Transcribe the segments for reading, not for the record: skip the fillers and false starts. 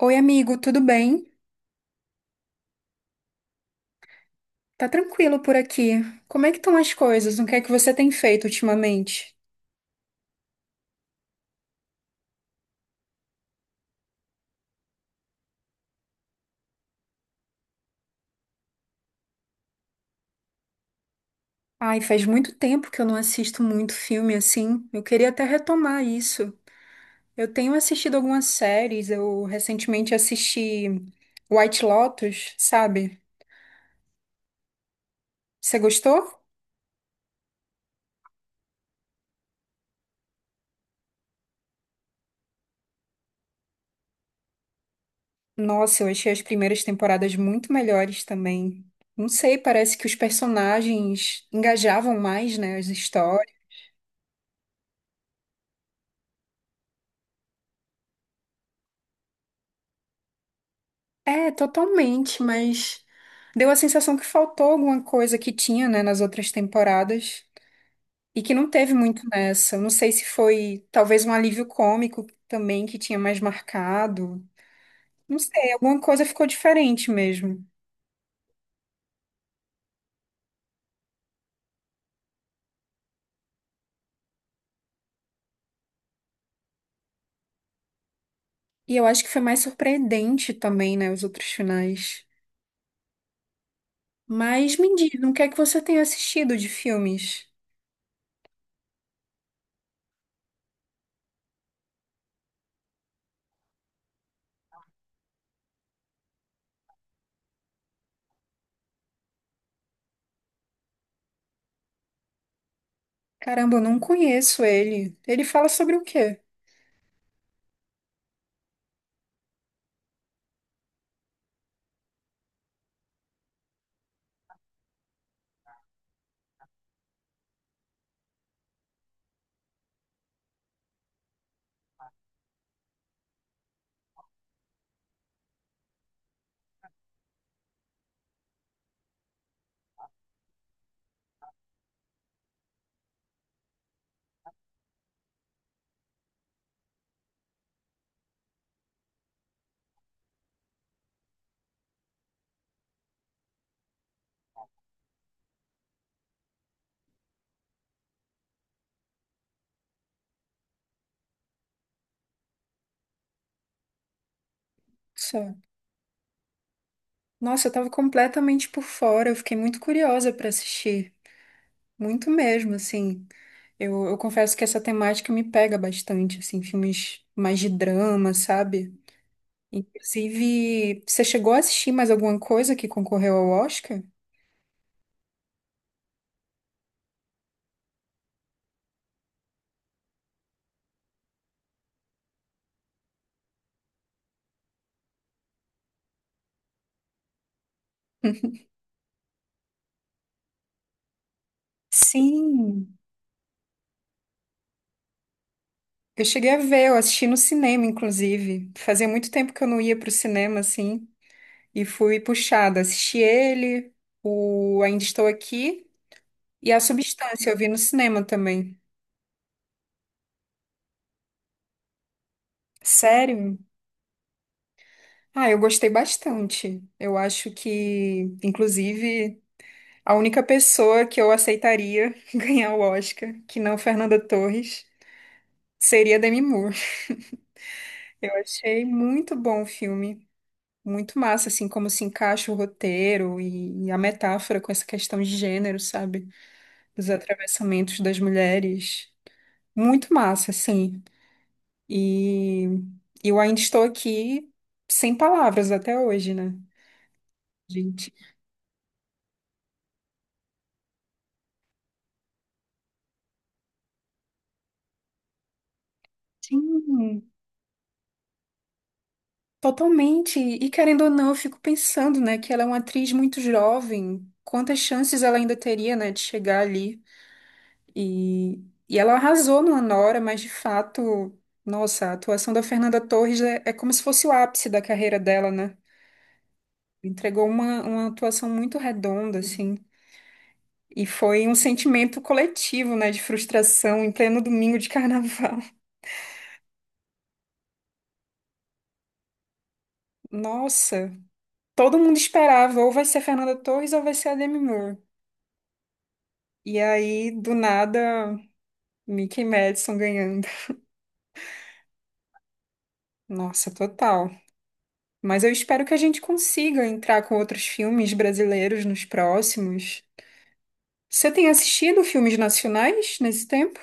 Oi, amigo, tudo bem? Tá tranquilo por aqui. Como é que estão as coisas? O que é que você tem feito ultimamente? Ai, faz muito tempo que eu não assisto muito filme assim. Eu queria até retomar isso. Eu tenho assistido algumas séries. Eu recentemente assisti White Lotus, sabe? Você gostou? Nossa, eu achei as primeiras temporadas muito melhores também. Não sei, parece que os personagens engajavam mais, né, as histórias. É, totalmente, mas deu a sensação que faltou alguma coisa que tinha, né, nas outras temporadas e que não teve muito nessa. Não sei se foi talvez um alívio cômico também que tinha mais marcado. Não sei, alguma coisa ficou diferente mesmo. E eu acho que foi mais surpreendente também, né, os outros finais. Mas me diz, o que é que você tem assistido de filmes? Caramba, eu não conheço ele. Ele fala sobre o quê? Só. Nossa, eu tava completamente por fora, eu fiquei muito curiosa pra assistir, muito mesmo, assim. Eu confesso que essa temática me pega bastante, assim, filmes mais de drama, sabe? Inclusive, você chegou a assistir mais alguma coisa que concorreu ao Oscar? Sim, eu cheguei a ver, eu assisti no cinema, inclusive. Fazia muito tempo que eu não ia pro cinema, assim, e fui puxada. Assisti ele, o Ainda Estou Aqui e A Substância, eu vi no cinema também. Sério? Ah, eu gostei bastante. Eu acho que, inclusive, a única pessoa que eu aceitaria ganhar o Oscar, que não Fernanda Torres, seria Demi Moore. Eu achei muito bom o filme, muito massa, assim, como se encaixa o roteiro e a metáfora com essa questão de gênero, sabe? Dos atravessamentos das mulheres. Muito massa, assim. E eu ainda estou aqui sem palavras até hoje, né? Gente. Sim. Totalmente. E querendo ou não, eu fico pensando, né, que ela é uma atriz muito jovem. Quantas chances ela ainda teria, né, de chegar ali? E, e ela arrasou no Anora, mas de fato, nossa, a atuação da Fernanda Torres é, é como se fosse o ápice da carreira dela, né? Entregou uma atuação muito redonda, assim. E foi um sentimento coletivo, né, de frustração em pleno domingo de carnaval. Nossa, todo mundo esperava, ou vai ser a Fernanda Torres ou vai ser a Demi Moore. E aí, do nada. Mickey Madison ganhando. Nossa, total. Mas eu espero que a gente consiga entrar com outros filmes brasileiros nos próximos. Você tem assistido filmes nacionais nesse tempo?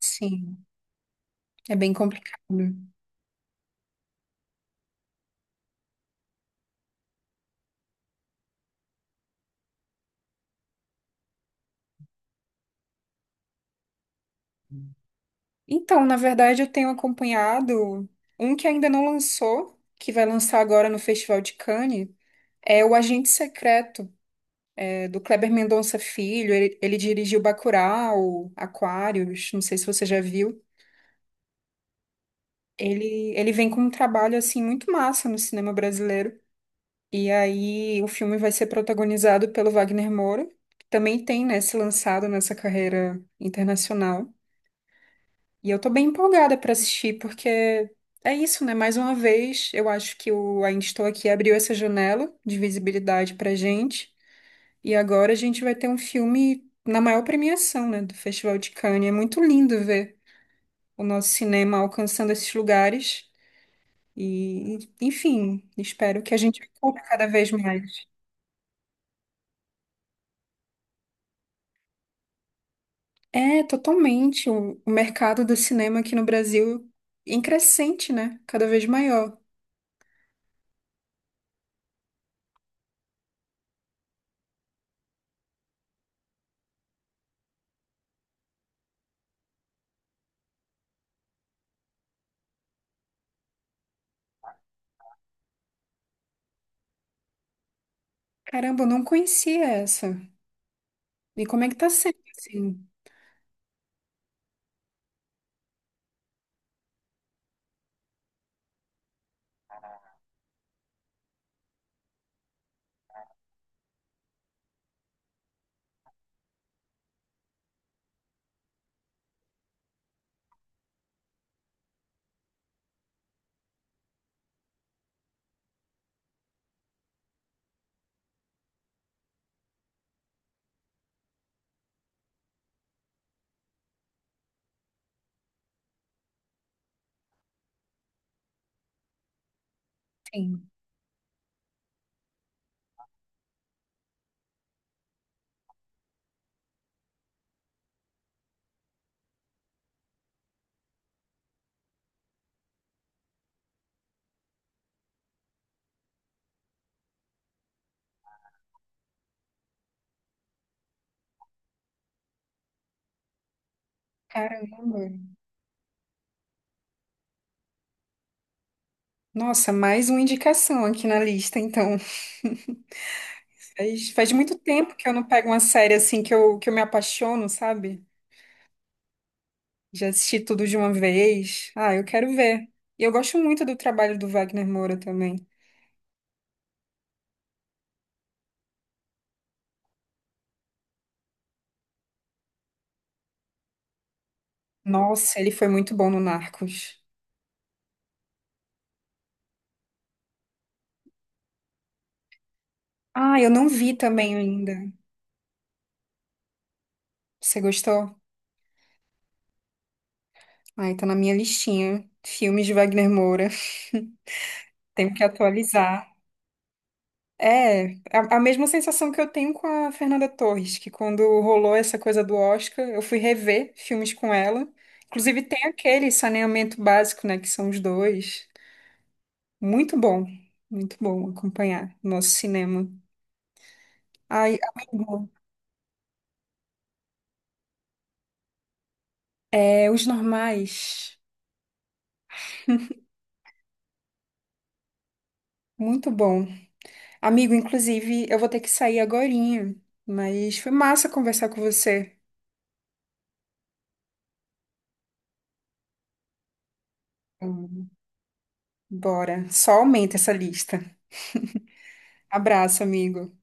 Sim, é bem complicado. Então, na verdade, eu tenho acompanhado um que ainda não lançou, que vai lançar agora no Festival de Cannes, é O Agente Secreto, é, do Kleber Mendonça Filho. Ele dirigiu Bacurau, Aquários, não sei se você já viu. Ele vem com um trabalho assim muito massa no cinema brasileiro. E aí o filme vai ser protagonizado pelo Wagner Moura, que também tem, né, se lançado nessa carreira internacional. E eu tô bem empolgada para assistir, porque é isso, né? Mais uma vez, eu acho que o Ainda Estou Aqui abriu essa janela de visibilidade pra gente. E agora a gente vai ter um filme na maior premiação, né, do Festival de Cannes. É muito lindo ver o nosso cinema alcançando esses lugares. E, enfim, espero que a gente ocupe cada vez mais. É, totalmente. O mercado do cinema aqui no Brasil em crescente, né? Cada vez maior. Caramba, eu não conhecia essa. E como é que tá sendo assim? Sim. Caramba. Nossa, mais uma indicação aqui na lista, então. Faz muito tempo que eu não pego uma série assim que eu me apaixono, sabe? Já assisti tudo de uma vez. Ah, eu quero ver. E eu gosto muito do trabalho do Wagner Moura também. Nossa, ele foi muito bom no Narcos. Ah, eu não vi também ainda. Você gostou? Ai, tá na minha listinha. Filmes de Wagner Moura. Tenho que atualizar. É, a mesma sensação que eu tenho com a Fernanda Torres, que quando rolou essa coisa do Oscar, eu fui rever filmes com ela. Inclusive tem aquele Saneamento Básico, né, que são os dois. Muito bom, muito bom acompanhar o nosso cinema. Ai, amigo, é, Os Normais, muito bom. Amigo, inclusive, eu vou ter que sair agorinha, mas foi massa conversar com você. Hum, Bora, só aumenta essa lista. Abraço, amigo.